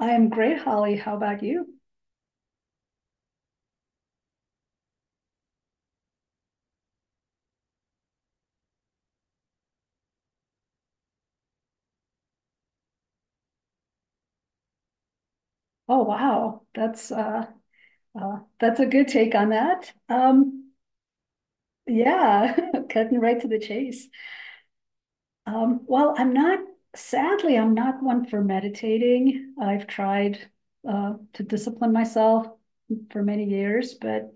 I am great, Holly. How about you? Oh, wow. That's a good take on that. Yeah, cutting right to the chase. Well, I'm not, sadly, I'm not one for meditating. I've tried to discipline myself for many years, but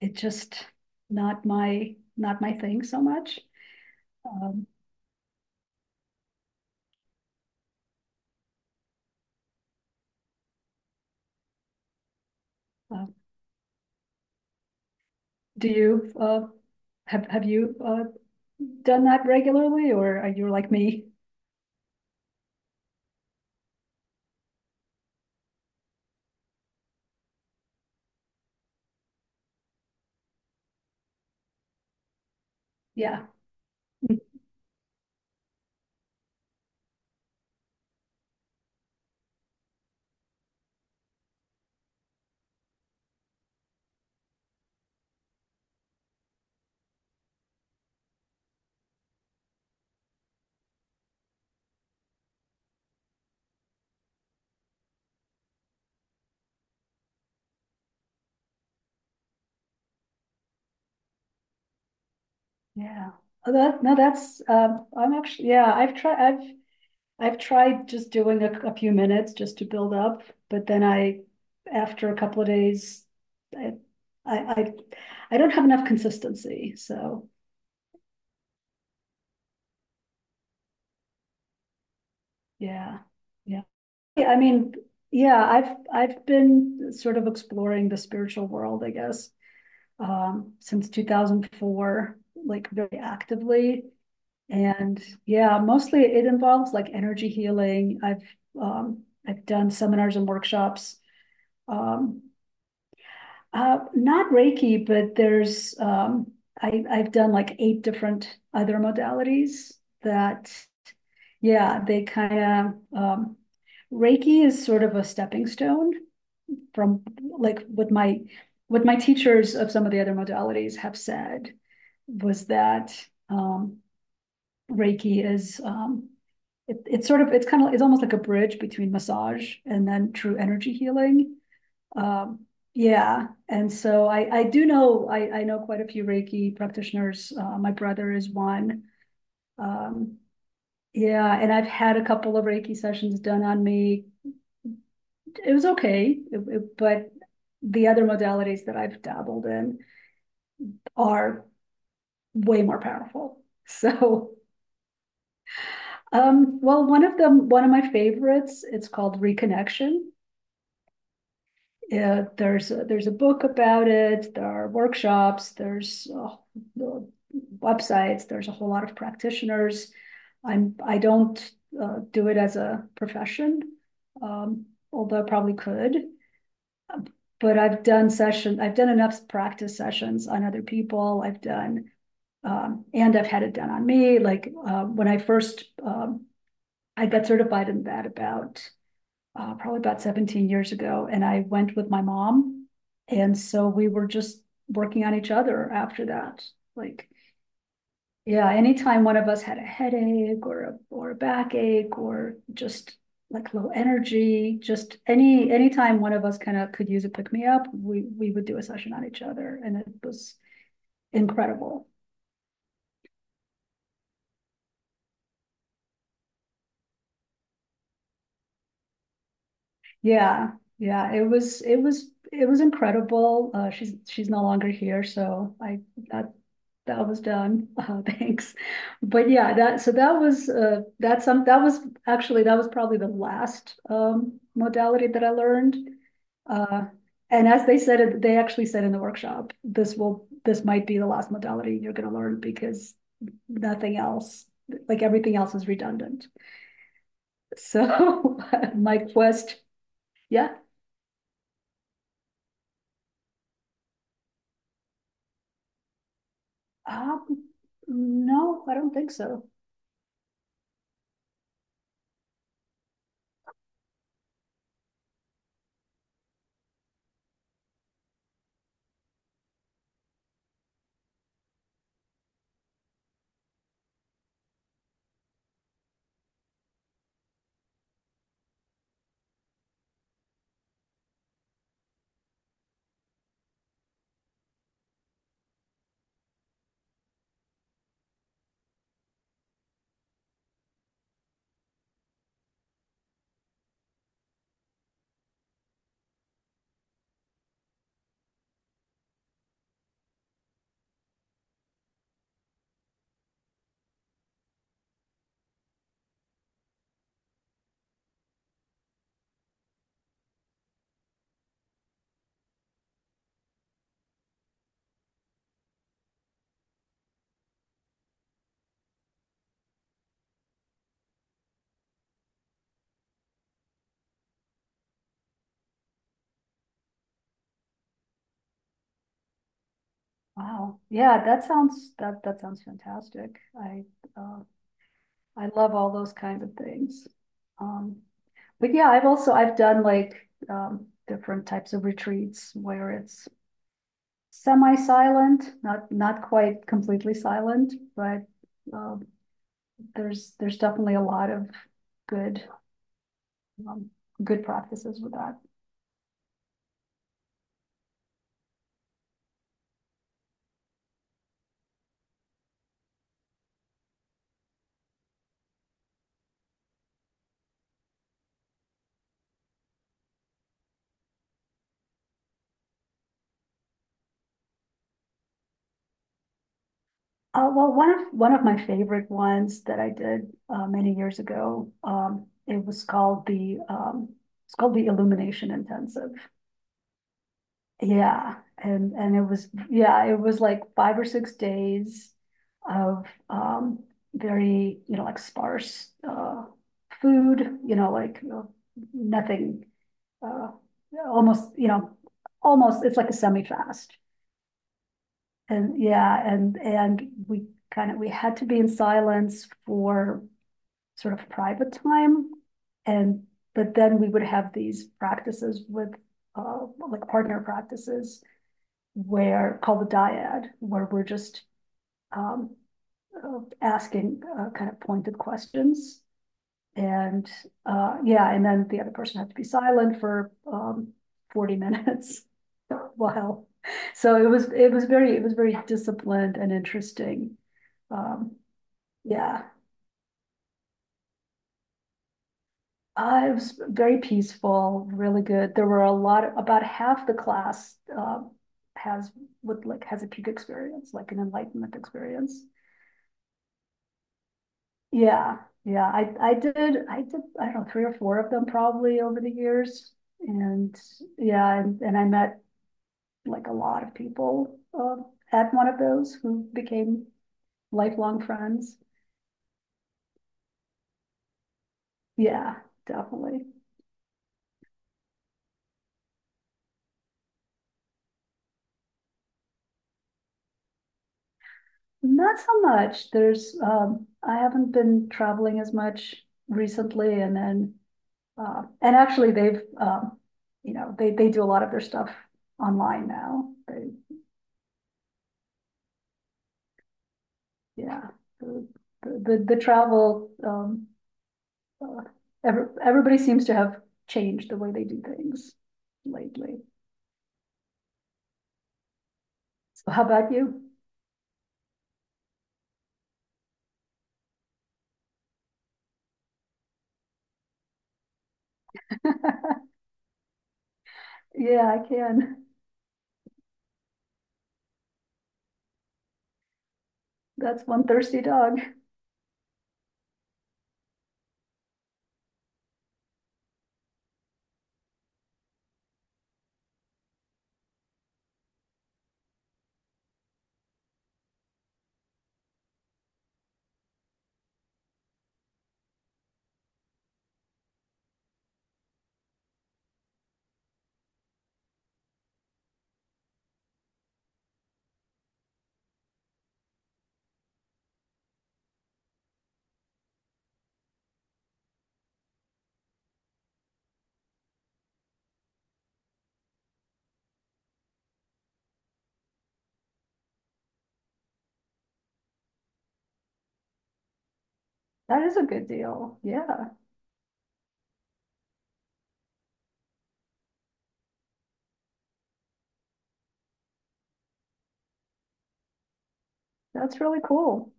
it just not my thing so much. Um, uh, do you have you done that regularly, or are you like me? Yeah, yeah. Oh, no, that's I'm actually. Yeah, I've tried. I've tried just doing a few minutes just to build up, but then after a couple of days, I, I, I, I don't have enough consistency. So yeah, yeah. Yeah, I mean, yeah, I've been sort of exploring the spiritual world, I guess, since 2004, like very actively. And yeah, mostly it involves like energy healing. I've done seminars and workshops. um, Not Reiki, but there's I've done like eight different other modalities that, yeah, they kind of Reiki is sort of a stepping stone from like what my teachers of some of the other modalities have said was that. um, Reiki is it, it's sort of it's kind of it's almost like a bridge between massage and then true energy healing. um, yeah, and so I know quite a few Reiki practitioners. My brother is one. Um, yeah, and I've had a couple of Reiki sessions done on me. It was okay, but the other modalities that I've dabbled in are way more powerful. So, well, one of my favorites, it's called Reconnection. Yeah, there's a book about it. There are workshops. There's websites. There's a whole lot of practitioners. I don't do it as a profession, um, although I probably could. But I've done session. I've done enough practice sessions on other people. I've done And I've had it done on me. Like, when I first I got certified in that about probably about 17 years ago, and I went with my mom. And so we were just working on each other after that. Like, yeah, anytime one of us had a headache or a backache or just like low energy, just anytime one of us kind of could use a pick me up, we would do a session on each other, and it was incredible. Yeah, yeah, it was incredible. She's no longer here, so I that that was done. Thanks. But yeah, that's some that was actually that was probably the last modality that I learned. Uh, and as they said it, they actually said in the workshop, this might be the last modality you're going to learn because nothing else, like everything else is redundant. So my quest. Yeah. Um, no, I don't think so. Wow. Yeah, that sounds fantastic. Uh, I love all those kind of things. Um, but yeah, I've done like different types of retreats where it's semi-silent, not quite completely silent, but uh there's definitely a lot of good um, good practices with that. Well, one of my favorite ones that I did many years ago. It's called the Illumination Intensive. Yeah, and it was yeah, it was like 5 or 6 days of very, you know, like sparse food, you know, like, you know, nothing, uh, almost you know almost it's like a semi fast. And yeah, and we kind of we had to be in silence for sort of private time, and but then we would have these practices with like partner practices where called the dyad, where we're just um, asking kind of pointed questions. And, yeah, and then the other person had to be silent for, 40 minutes. Wow. So it was very disciplined and interesting. Um, yeah, it was very peaceful, really good. There were about half the class, has, has a peak experience, like an enlightenment experience. Yeah, yeah, I don't know, three or four of them probably over the years. And yeah, and I met like a lot of people had one of those who became lifelong friends. Yeah, definitely. Not so much. There's I haven't been traveling as much recently, and then and actually, they've you know they do a lot of their stuff online now. Yeah, the the, travel uh, everybody seems to have changed the way they do things lately. So how about you? Yeah, I can. That's one thirsty dog. That is a good deal. Yeah, that's really cool.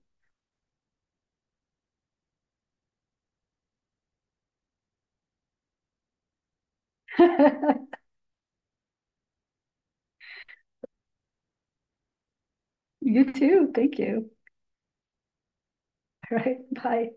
You too. Thank you. All right. Bye.